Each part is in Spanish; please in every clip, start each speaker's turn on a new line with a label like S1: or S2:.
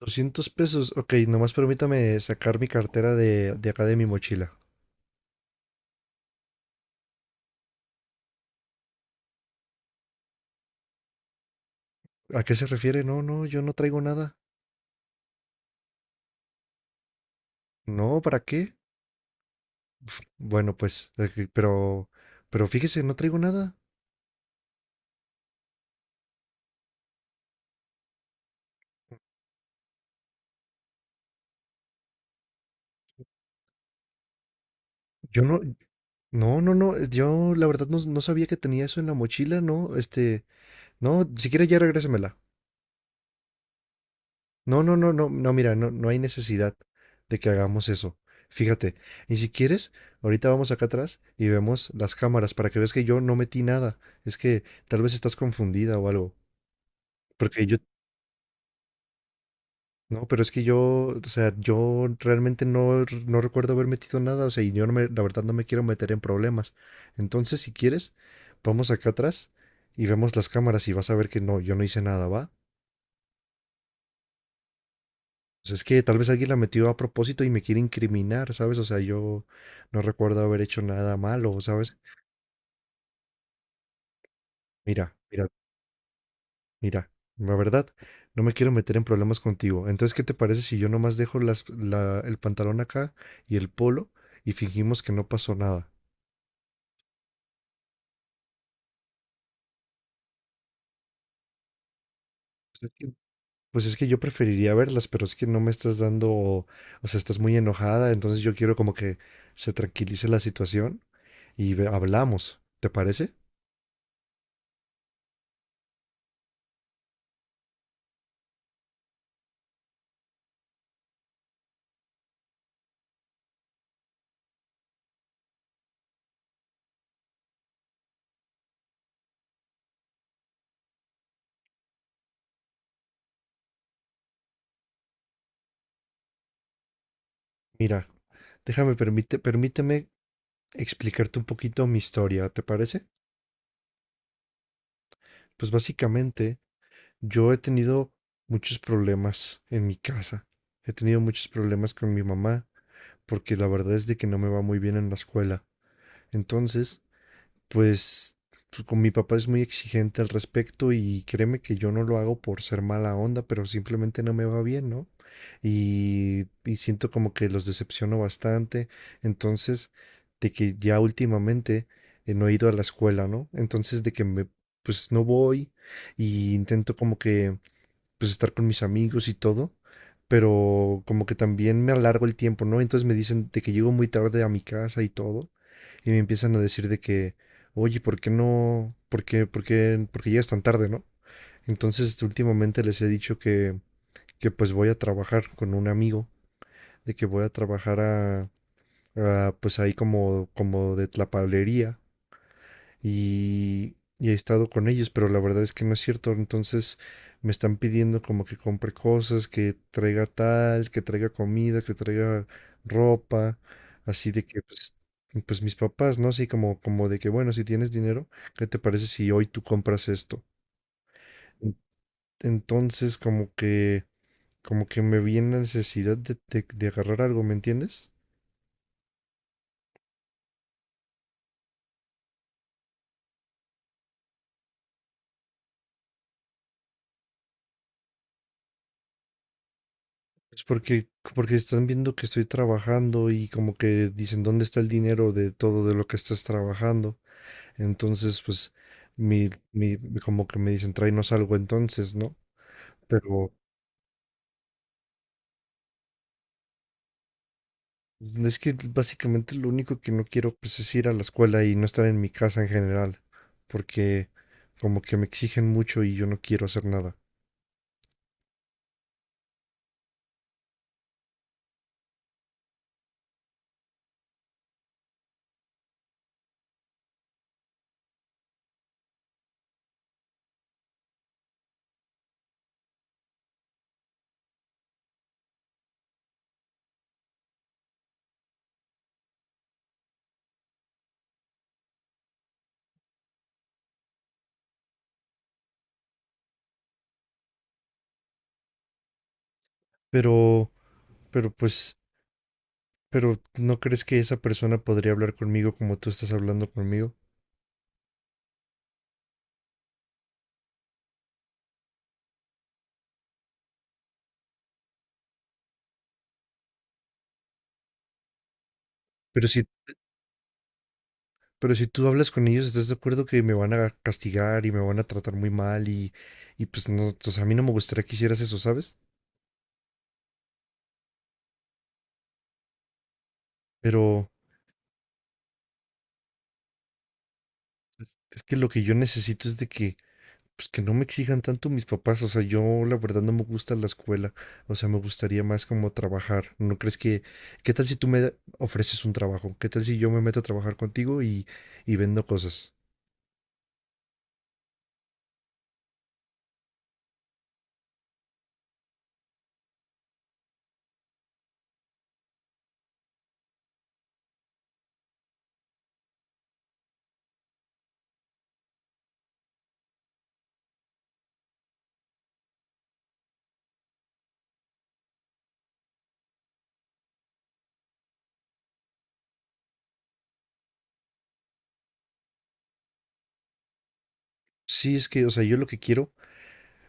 S1: Doscientos pesos. Ok, nomás permítame sacar mi cartera de acá de mi mochila. ¿A qué se refiere? No, no, yo no traigo nada. No, ¿para qué? Uf, bueno, pues, pero fíjese, no traigo nada. Yo no, no, no, no, yo la verdad no, no sabía que tenía eso en la mochila, no, no, si quiere ya regrésemela. No, no, no, no, no, mira, no, no hay necesidad de que hagamos eso. Fíjate, y si quieres, ahorita vamos acá atrás y vemos las cámaras para que veas que yo no metí nada. Es que tal vez estás confundida o algo. Porque yo, no, pero es que yo, o sea, yo realmente no, no recuerdo haber metido nada, o sea, y yo la verdad no me quiero meter en problemas. Entonces, si quieres, vamos acá atrás y vemos las cámaras y vas a ver que no, yo no hice nada, ¿va? Pues es que tal vez alguien la metió a propósito y me quiere incriminar, ¿sabes? O sea, yo no recuerdo haber hecho nada malo, ¿sabes? Mira, mira, mira, la verdad, no me quiero meter en problemas contigo. Entonces, ¿qué te parece si yo nomás dejo el pantalón acá y el polo y fingimos que no pasó nada? Pues es que pues es que yo preferiría verlas, pero es que no me estás dando, o sea, estás muy enojada, entonces yo quiero como que se tranquilice la situación y hablamos, ¿te parece? Mira, permíteme explicarte un poquito mi historia, ¿te parece? Pues básicamente yo he tenido muchos problemas en mi casa. He tenido muchos problemas con mi mamá porque la verdad es de que no me va muy bien en la escuela. Entonces, Pues con mi papá es muy exigente al respecto y créeme que yo no lo hago por ser mala onda, pero simplemente no me va bien, ¿no? Y siento como que los decepciono bastante. Entonces, de que ya últimamente no he ido a la escuela, ¿no? Entonces, de que me, pues no voy y intento como que pues estar con mis amigos y todo, pero como que también me alargo el tiempo, ¿no? Entonces me dicen de que llego muy tarde a mi casa y todo, y me empiezan a decir de que, oye, ¿por qué no? ¿Por qué llegas tan tarde, ¿no? Entonces últimamente les he dicho que pues voy a trabajar con un amigo, de que voy a trabajar pues ahí como, como de tlapalería y he estado con ellos, pero la verdad es que no es cierto. Entonces me están pidiendo como que compre cosas, que traiga tal, que traiga comida, que traiga ropa, así de que pues, pues mis papás, ¿no? Así como, como de que, bueno, si tienes dinero, ¿qué te parece si hoy tú compras esto? En- Entonces como que me viene la necesidad de agarrar algo, ¿me entiendes? Es porque, porque están viendo que estoy trabajando y como que dicen dónde está el dinero de todo de lo que estás trabajando. Entonces, pues, mi, mi, como que me dicen, tráenos algo entonces, ¿no? Pero pues, es que básicamente lo único que no quiero, pues, es ir a la escuela y no estar en mi casa en general. Porque como que me exigen mucho y yo no quiero hacer nada. Pero, pero pues, pero ¿no crees que esa persona podría hablar conmigo como tú estás hablando conmigo? Pero si Pero si tú hablas con ellos, ¿estás de acuerdo que me van a castigar y me van a tratar muy mal? Y pues no, o sea, a mí no me gustaría que hicieras eso, ¿sabes? Pero es que lo que yo necesito es de que, pues que no me exijan tanto mis papás. O sea, yo la verdad no me gusta la escuela. O sea, me gustaría más como trabajar. ¿No crees que, qué tal si tú me ofreces un trabajo? ¿Qué tal si yo me meto a trabajar contigo y vendo cosas? Sí, es que, o sea, yo lo que quiero.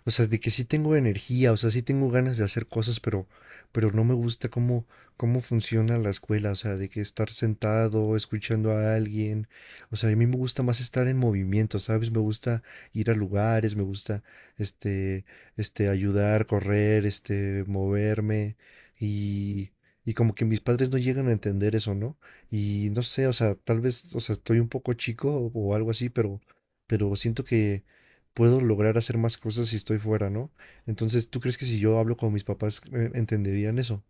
S1: O sea, de que sí tengo energía, o sea, sí tengo ganas de hacer cosas, pero no me gusta cómo funciona la escuela, o sea, de que estar sentado, escuchando a alguien, o sea, a mí me gusta más estar en movimiento, ¿sabes? Me gusta ir a lugares, me gusta, este, ayudar, correr, moverme y, y como que mis padres no llegan a entender eso, ¿no? Y no sé, o sea, tal vez, o sea, estoy un poco chico o algo así, pero siento que puedo lograr hacer más cosas si estoy fuera, ¿no? Entonces, ¿tú crees que si yo hablo con mis papás entenderían eso?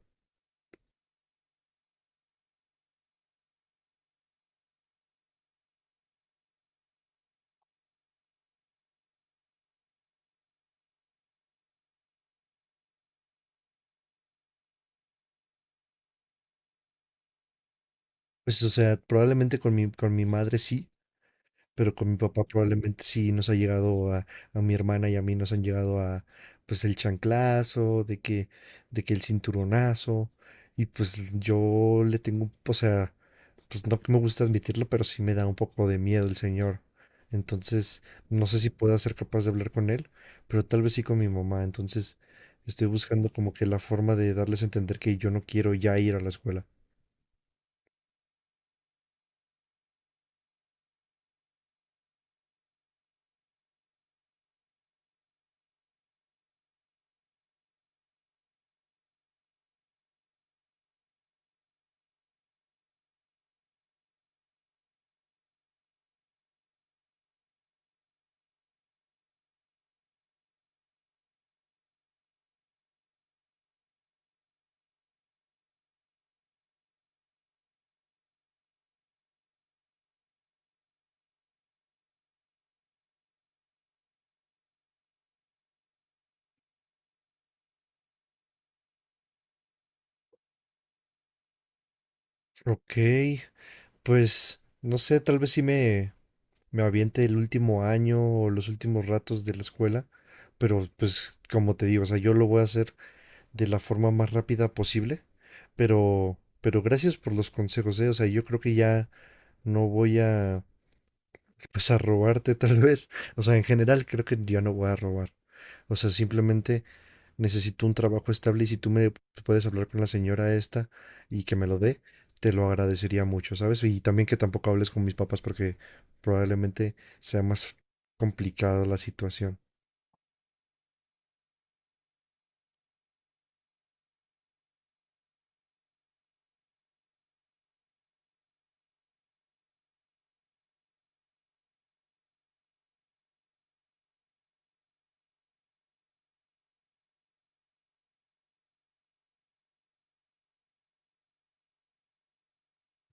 S1: Pues, o sea, probablemente con mi madre sí, pero con mi papá probablemente sí nos ha llegado a a mi hermana y a mí nos han llegado a pues el chanclazo, de que el cinturonazo, y pues yo le tengo, o sea, pues no que me gusta admitirlo, pero sí me da un poco de miedo el señor. Entonces, no sé si pueda ser capaz de hablar con él, pero tal vez sí con mi mamá. Entonces, estoy buscando como que la forma de darles a entender que yo no quiero ya ir a la escuela. Ok, pues no sé, tal vez sí me aviente el último año o los últimos ratos de la escuela, pero pues como te digo, o sea, yo lo voy a hacer de la forma más rápida posible, pero gracias por los consejos, o sea, yo creo que ya no voy a pues a robarte tal vez. O sea, en general creo que yo no voy a robar. O sea, simplemente necesito un trabajo estable y si tú me puedes hablar con la señora esta y que me lo dé, te lo agradecería mucho, ¿sabes? Y también que tampoco hables con mis papás porque probablemente sea más complicada la situación.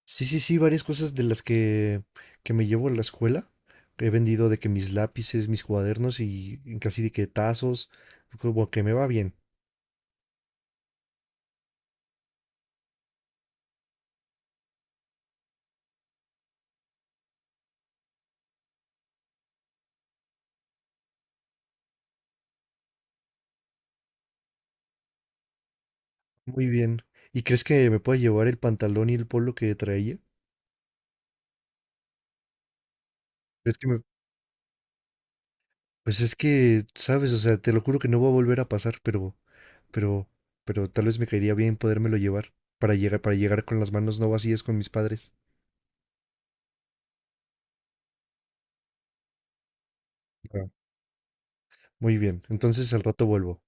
S1: Sí, sí, sí, varias cosas de las que me llevo a la escuela. He vendido de que mis lápices, mis cuadernos y casi de que tazos, como que me va bien. Muy bien. ¿Y crees que me pueda llevar el pantalón y el polo que traía? ¿Crees que me... Pues es que, sabes, o sea, te lo juro que no va a volver a pasar, pero, pero tal vez me caería bien podérmelo llevar para llegar con las manos no vacías con mis padres. Ah, muy bien, entonces al rato vuelvo.